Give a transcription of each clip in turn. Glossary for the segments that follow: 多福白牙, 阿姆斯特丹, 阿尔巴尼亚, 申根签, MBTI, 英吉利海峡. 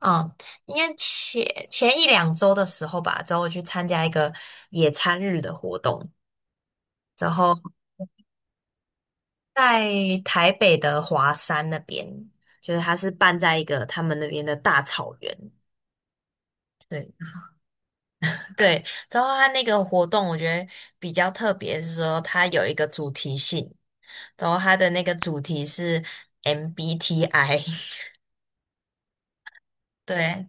嗯，应该前一两周的时候吧，之后我去参加一个野餐日的活动，然后在台北的华山那边，就是它是办在一个他们那边的大草原。对对，之后它那个活动我觉得比较特别，是说它有一个主题性，然后它的那个主题是 MBTI。对，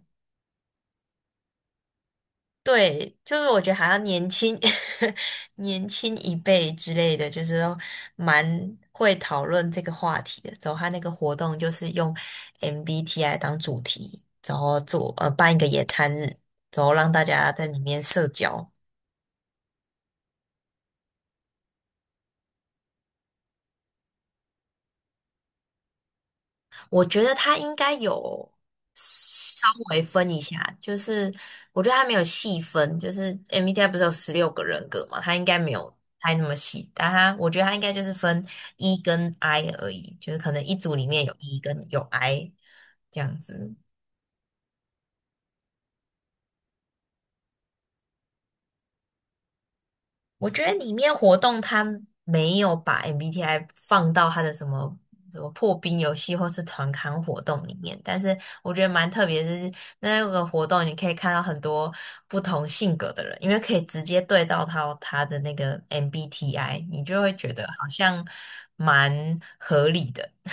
对，就是我觉得好像年轻 年轻一辈之类的，就是都蛮会讨论这个话题的。之后他那个活动就是用 MBTI 当主题，然后办一个野餐日，然后让大家在里面社交。我觉得他应该有稍微分一下，就是我觉得他没有细分，就是 MBTI 不是有16个人格嘛，他应该没有太那么细，但他我觉得他应该就是分 E 跟 I 而已，就是可能一组里面有 E 跟有 I 这样子。我觉得里面活动它没有把 MBTI 放到它的什么什么破冰游戏或是团康活动里面，但是我觉得蛮特别的是，那个活动你可以看到很多不同性格的人，因为可以直接对照到他的那个 MBTI,你就会觉得好像蛮合理的。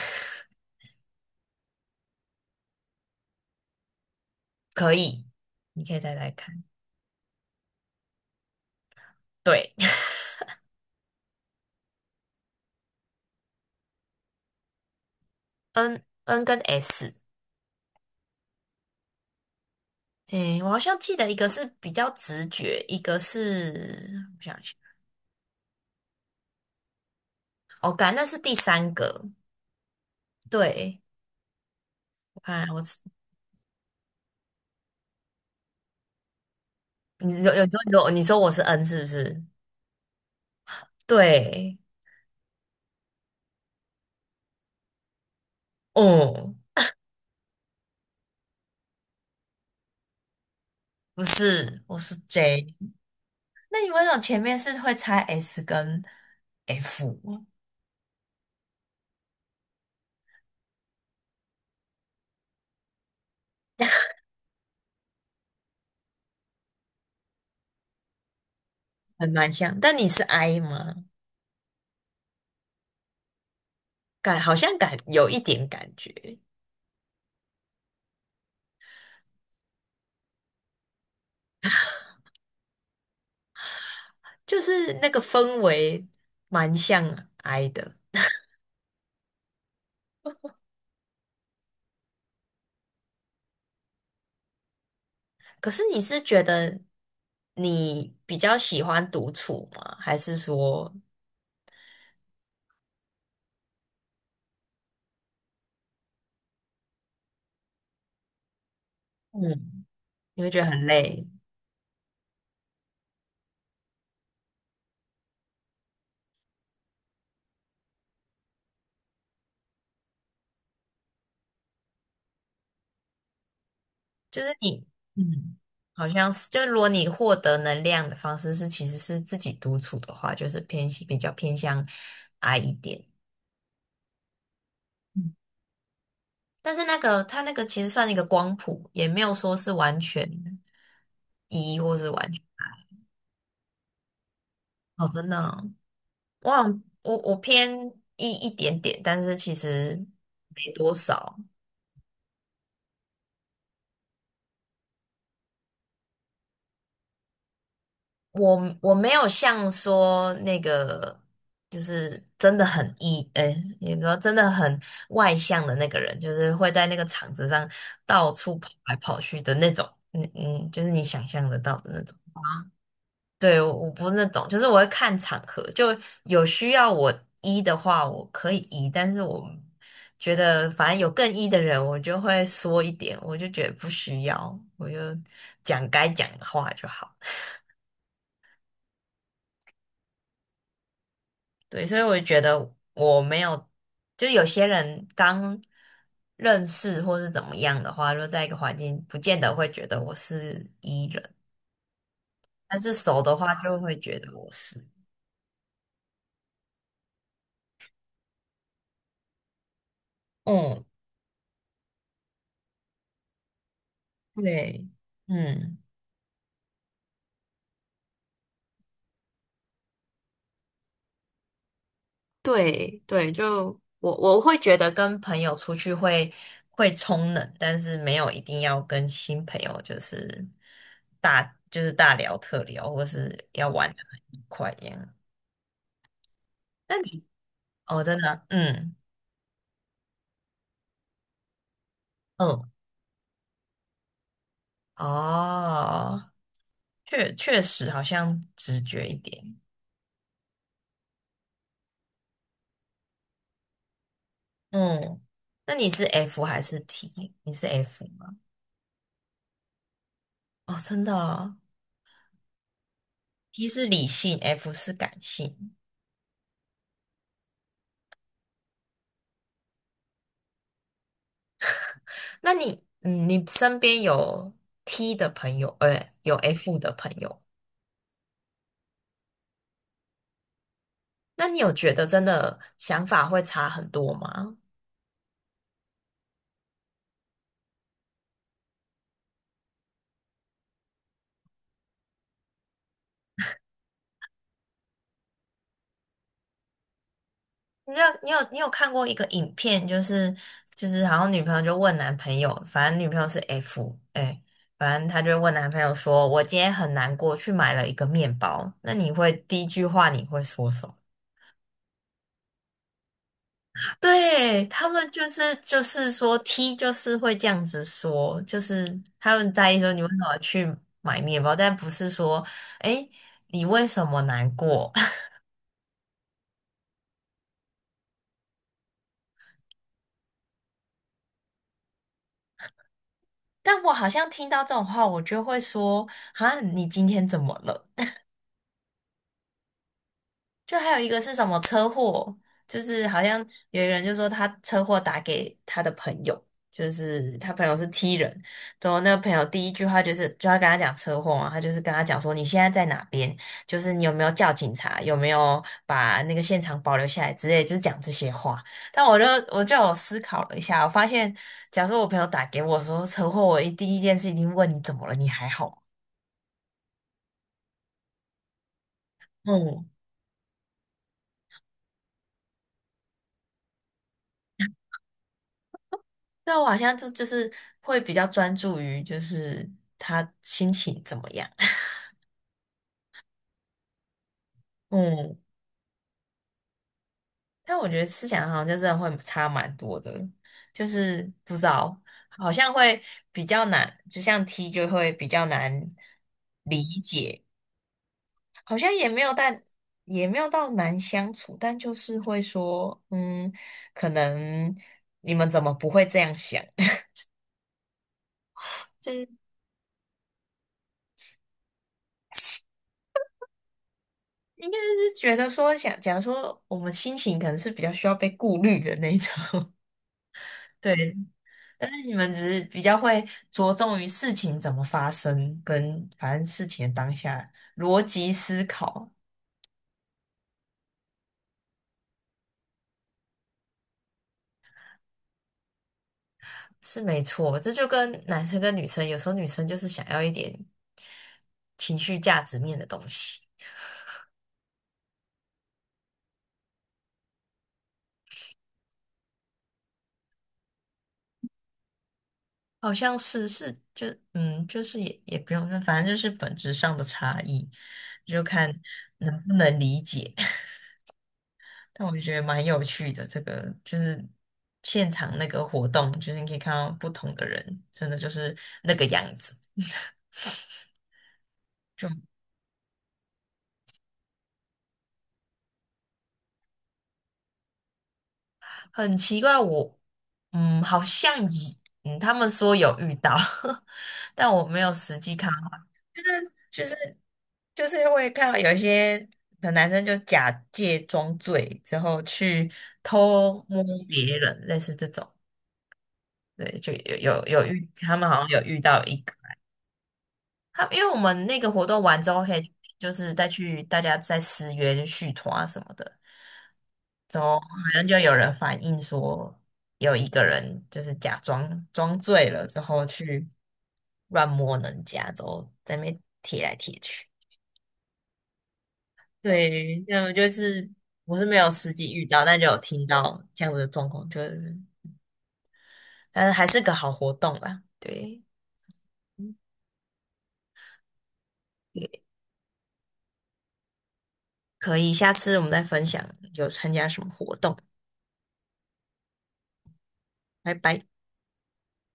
可以，你可以再来看。对 ，N 跟 S,诶，我好像记得一个是比较直觉，一个是我想一下哦，感那是第三个。对，我看我是。你有时候你说我是 N 是不是？对，哦，不是，我是 J。那你为什么前面是会猜 S 跟 F?很蛮像，但你是 I 吗？好像有一点感觉，就是那个氛围蛮像 I 的。可是你是觉得你比较喜欢独处吗？还是说，嗯，你会觉得很累？就是你，嗯，好像是，就是如果你获得能量的方式是其实是自己独处的话，就是偏比较偏向 I 一点。嗯，但是那个它那个其实算一个光谱，也没有说是完全 E 或是完全。哦，真的哦，我好像我偏 E 一点点，但是其实没多少。我没有像说那个，就是真的很 E,哎，你说真的很外向的那个人，就是会在那个场子上到处跑来跑去的那种，就是你想象得到的那种。对，我不是那种，就是我会看场合，就有需要我 E 的话，我可以 E,但是我觉得反正有更 E 的人，我就会缩一点，我就觉得不需要，我就讲该讲的话就好。对，所以我就觉得我没有，就有些人刚认识或是怎么样的话，就在一个环境，不见得会觉得我是 E 人，但是熟的话就会觉得我是。嗯，对，嗯，对对，就我会觉得跟朋友出去会冲冷，但是没有一定要跟新朋友就是大就是大聊特聊，或是要玩的很愉快一样。那你哦，真的，嗯嗯。哦，确实好像直觉一点。嗯，那你是 F 还是 T?你是 F 吗？哦，真的哦，T 是理性，F 是感性。那你，嗯，你身边有 T 的朋友，有 F 的朋友，那你有觉得真的想法会差很多吗？你有看过一个影片，就是好像女朋友就问男朋友，反正女朋友是 F,哎，反正他就问男朋友说："我今天很难过，去买了一个面包。"那你会第一句话你会说什么？对，他们就是说 T 就是会这样子说，就是他们在意说你为什么去买面包，但不是说哎你为什么难过。但我好像听到这种话，我就会说："啊，你今天怎么了？"就还有一个是什么车祸，就是好像有一个人就说他车祸打给他的朋友，就是他朋友是 T 人，然后那个朋友第一句话就是就要跟他讲车祸嘛，他就是跟他讲说你现在在哪边，就是你有没有叫警察，有没有把那个现场保留下来之类，就是讲这些话。但我就有思考了一下，我发现假如说我朋友打给我说车祸，我第一件事一定问你怎么了，你还好吗？嗯，那我好像就是会比较专注于就是他心情怎么样，嗯，但我觉得思想好像就真的会差蛮多的，就是不知道，好像会比较难，就像 T 就会比较难理解，好像也没有但也没有到难相处，但就是会说，嗯，可能你们怎么不会这样想？就是应该是觉得说想，假如说我们心情可能是比较需要被顾虑的那一种，对，但是你们只是比较会着重于事情怎么发生，跟反正事情的当下逻辑思考是没错，这就跟男生跟女生，有时候女生就是想要一点情绪价值面的东西，好像是就是也不用，反正就是本质上的差异，就看能不能理解。但我就觉得蛮有趣的，这个就是现场那个活动，就是你可以看到不同的人，真的就是那个样子，就很奇怪。好像他们说有遇到，但我没有实际看到，就是就是会看到有一些可能男生就假借装醉之后去偷摸别人，类似这种。对，就有有有遇，他们好像有遇到一个。他因为我们那个活动完之后，可以就是再去大家再私约就续团啊什么的，怎么好像就有人反映说，有一个人就是假装装醉了之后去乱摸人家，之后在那边贴来贴去。对，那我就是我是没有实际遇到，但就有听到这样子的状况，就是但是还是个好活动啦。对，也可以，下次我们再分享有参加什么活动。拜拜。